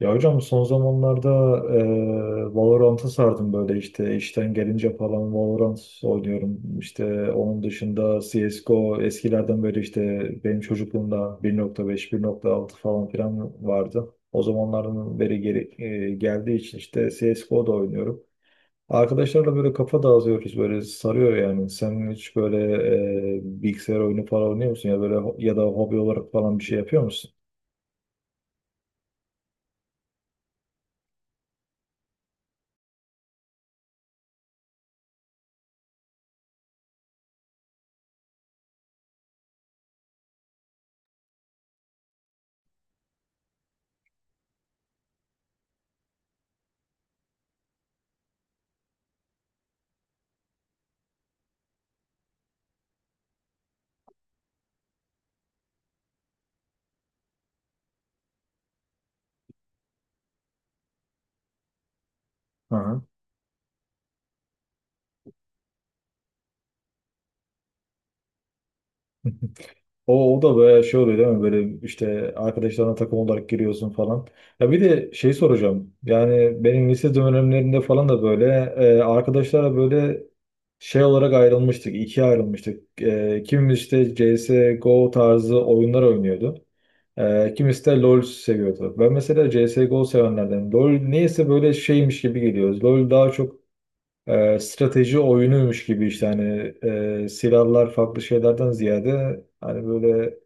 Ya hocam son zamanlarda Valorant'a sardım böyle işte işten gelince falan Valorant oynuyorum. İşte onun dışında CSGO eskilerden böyle işte benim çocukluğumda 1.5, 1.6 falan filan vardı. O zamanların beri geri, geldiği için işte CSGO'da oynuyorum. Arkadaşlarla böyle kafa dağıtıyoruz böyle sarıyor yani. Sen hiç böyle bilgisayar oyunu falan oynuyor musun ya böyle ya da hobi olarak falan bir şey yapıyor musun? Hı. O da böyle şey oluyor değil mi? Böyle işte arkadaşlarına takım olarak giriyorsun falan. Ya bir de şey soracağım. Yani benim lise dönemlerinde falan da böyle arkadaşlara böyle şey olarak ayrılmıştık. İkiye ayrılmıştık. Kimimiz işte CSGO tarzı oyunlar oynuyordu. Kimisi de LoL seviyordu. Ben mesela CSGO sevenlerden. LoL neyse böyle şeymiş gibi geliyoruz. LoL daha çok strateji oyunuymuş gibi işte hani silahlar farklı şeylerden ziyade hani böyle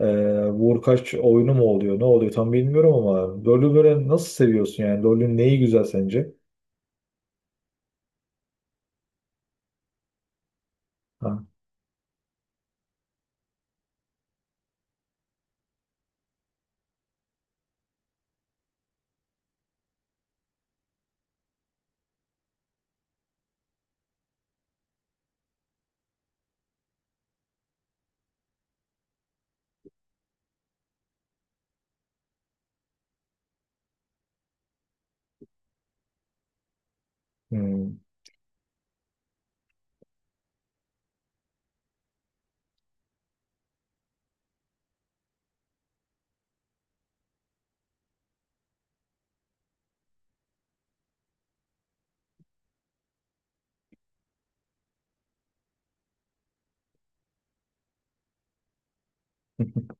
ee, vurkaç oyunu mu oluyor? Ne oluyor tam bilmiyorum ama LoL'ü böyle nasıl seviyorsun yani? LoL'ün neyi güzel sence? Ha. Hmm.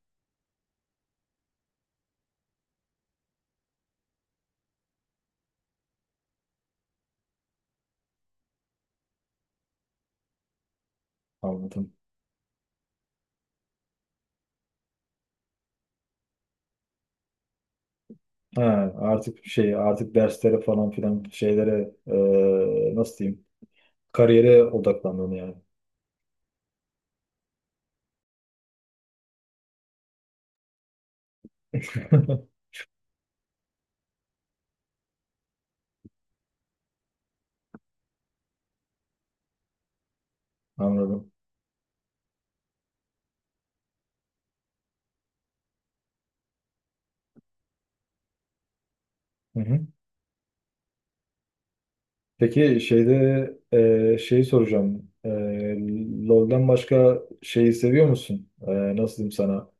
Anladım. Ha, artık şey artık derslere falan filan şeylere nasıl diyeyim? Kariyere odaklandın yani. Anladım. Hı hı. Peki şeyde şeyi soracağım. LoL'den başka şeyi seviyor musun? Nasıl diyeyim sana?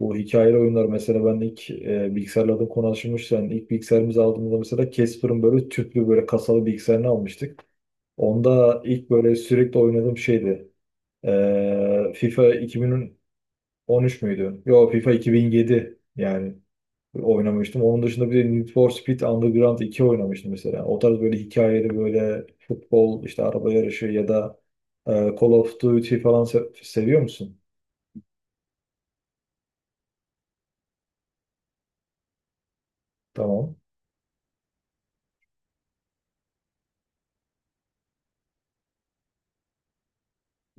Bu hikayeli oyunlar mesela ben ilk bilgisayarla da konuşmuşken ilk bilgisayarımızı aldığımızda mesela Casper'ın böyle tüplü böyle kasalı bilgisayarını almıştık. Onda ilk böyle sürekli oynadığım şeydi. FIFA 2013 müydü? Yo, FIFA 2007 yani oynamıştım. Onun dışında bir de Need for Speed Underground 2 oynamıştım mesela. O tarz böyle hikayeli böyle futbol işte araba yarışı ya da Call of Duty falan seviyor musun? Tamam.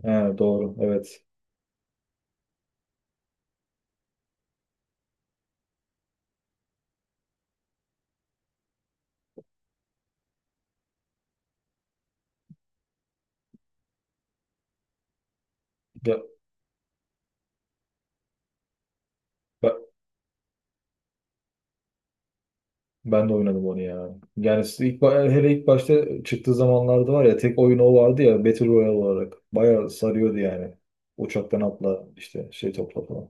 He, doğru, evet. Ya- Ben de oynadım onu ya. Yani siz ilk, hele ilk başta çıktığı zamanlarda var ya tek oyun o vardı ya Battle Royale olarak. Bayağı sarıyordu yani. Uçaktan atla işte şey topla falan.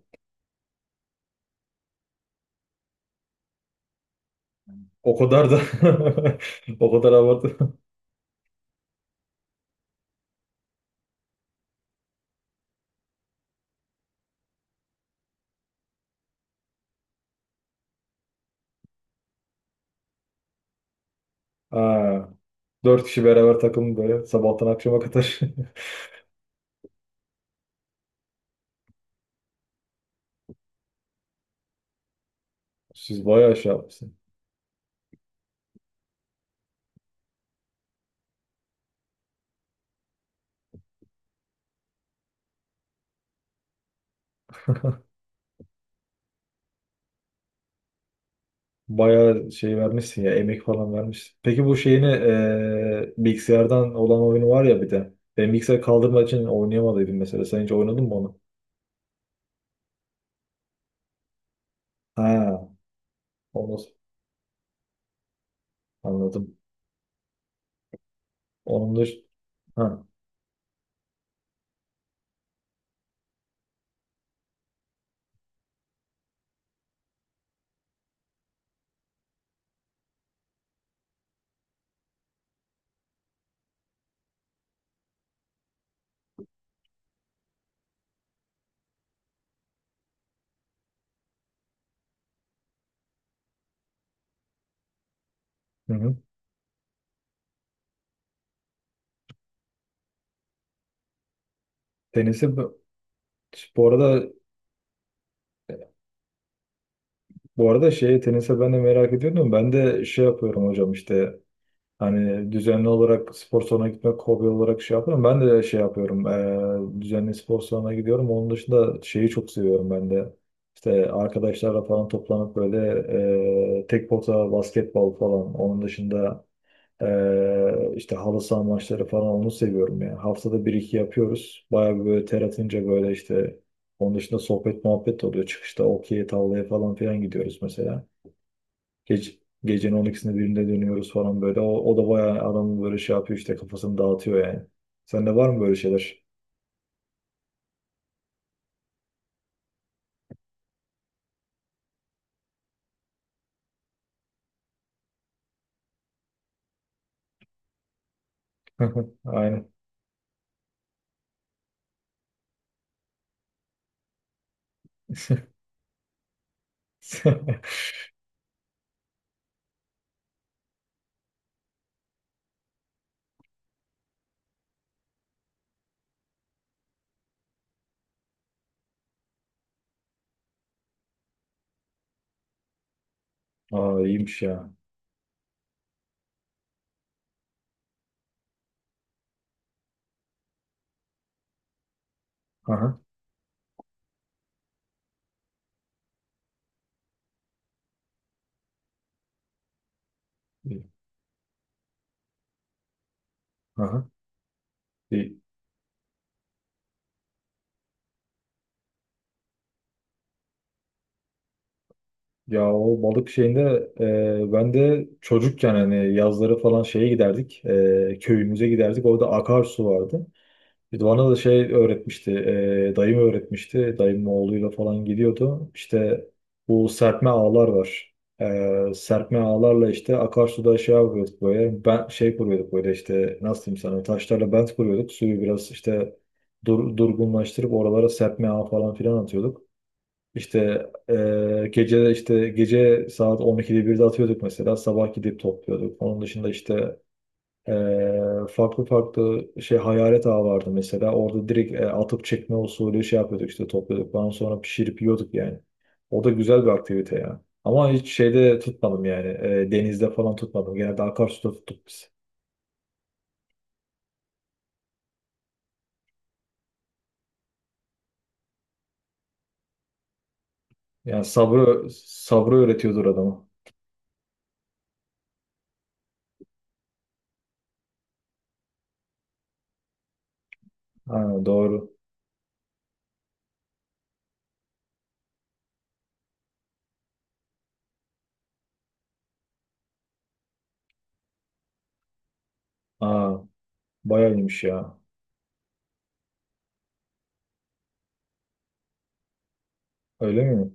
O kadar da o kadar abartı. Ha, dört kişi beraber takım böyle sabahtan akşama kadar. Siz bayağı şey yapmışsın. Bayağı şey vermişsin ya, emek falan vermişsin. Peki bu şeyini bilgisayardan olan oyunu var ya bir de. Ben bilgisayar kaldırmak için oynayamadıydım mesela. Sen hiç oynadın mı onu? Ha, onu. Anladım. Onun dış... Ha. Hı hı. Tenisi bu bu arada bu arada, şey tenise ben de merak ediyordum. Ben de şey yapıyorum hocam işte hani düzenli olarak spor salonuna gitmek hobi olarak şey yapıyorum. Ben de şey yapıyorum. Düzenli spor salonuna gidiyorum. Onun dışında şeyi çok seviyorum ben de. İşte arkadaşlarla falan toplanıp böyle tek pota basketbol falan. Onun dışında işte halı saha maçları falan onu seviyorum yani. Haftada bir iki yapıyoruz. Bayağı bir böyle ter atınca böyle işte onun dışında sohbet muhabbet de oluyor. Çıkışta okey tavlaya falan filan gidiyoruz mesela. Gece, gecenin 12'sinde 1'inde dönüyoruz falan böyle. O da bayağı adamın böyle şey yapıyor işte kafasını dağıtıyor yani. Sende var mı böyle şeyler? Aynen. Aa, iyiymiş ya. Aha. İyi. Aha. İyi. Ya, o balık şeyinde ben de çocukken hani yazları falan şeye giderdik. Köyümüze giderdik. Orada akarsu vardı. Bir de bana da şey öğretmişti. Dayım öğretmişti. Dayımın oğluyla falan gidiyordu. İşte bu serpme ağlar var. Serpme ağlarla işte akarsuda şey yapıyorduk böyle. Ben şey kuruyorduk böyle işte nasıl diyeyim sana, taşlarla bent kuruyorduk. Suyu biraz işte durgunlaştırıp oralara serpme ağı falan filan atıyorduk. İşte gece işte gece saat 12'de 1'de atıyorduk mesela sabah gidip topluyorduk. Onun dışında işte eee, farklı farklı şey hayalet ağı vardı mesela orada direkt atıp çekme usulü şey yapıyorduk işte topluyorduk. Ondan sonra pişirip yiyorduk yani. O da güzel bir aktivite ya. Ama hiç şeyde tutmadım yani, denizde falan tutmadım. Genelde akarsuda tuttuk biz. Yani sabrı sabrı öğretiyordur adamı. Ha, doğru. Aa, bayağı iyiymiş ya. Öyle mi?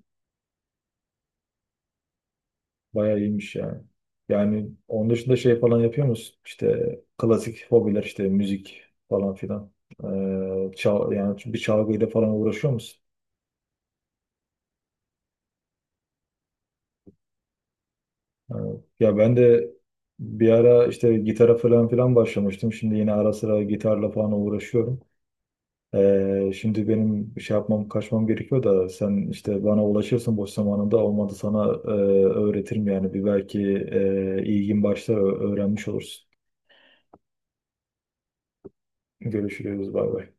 Bayağı iyiymiş yani. Yani onun dışında şey falan yapıyor musun? İşte klasik hobiler işte müzik falan filan. Yani bir çalgıyla falan uğraşıyor musun? Yani, ya ben de bir ara işte gitara falan filan başlamıştım. Şimdi yine ara sıra gitarla falan uğraşıyorum. Şimdi benim bir şey yapmam kaçmam gerekiyor da sen işte bana ulaşırsın, boş zamanında olmadı sana öğretirim yani, bir belki ilgin başlar, öğrenmiş olursun. Görüşürüz, bay bay.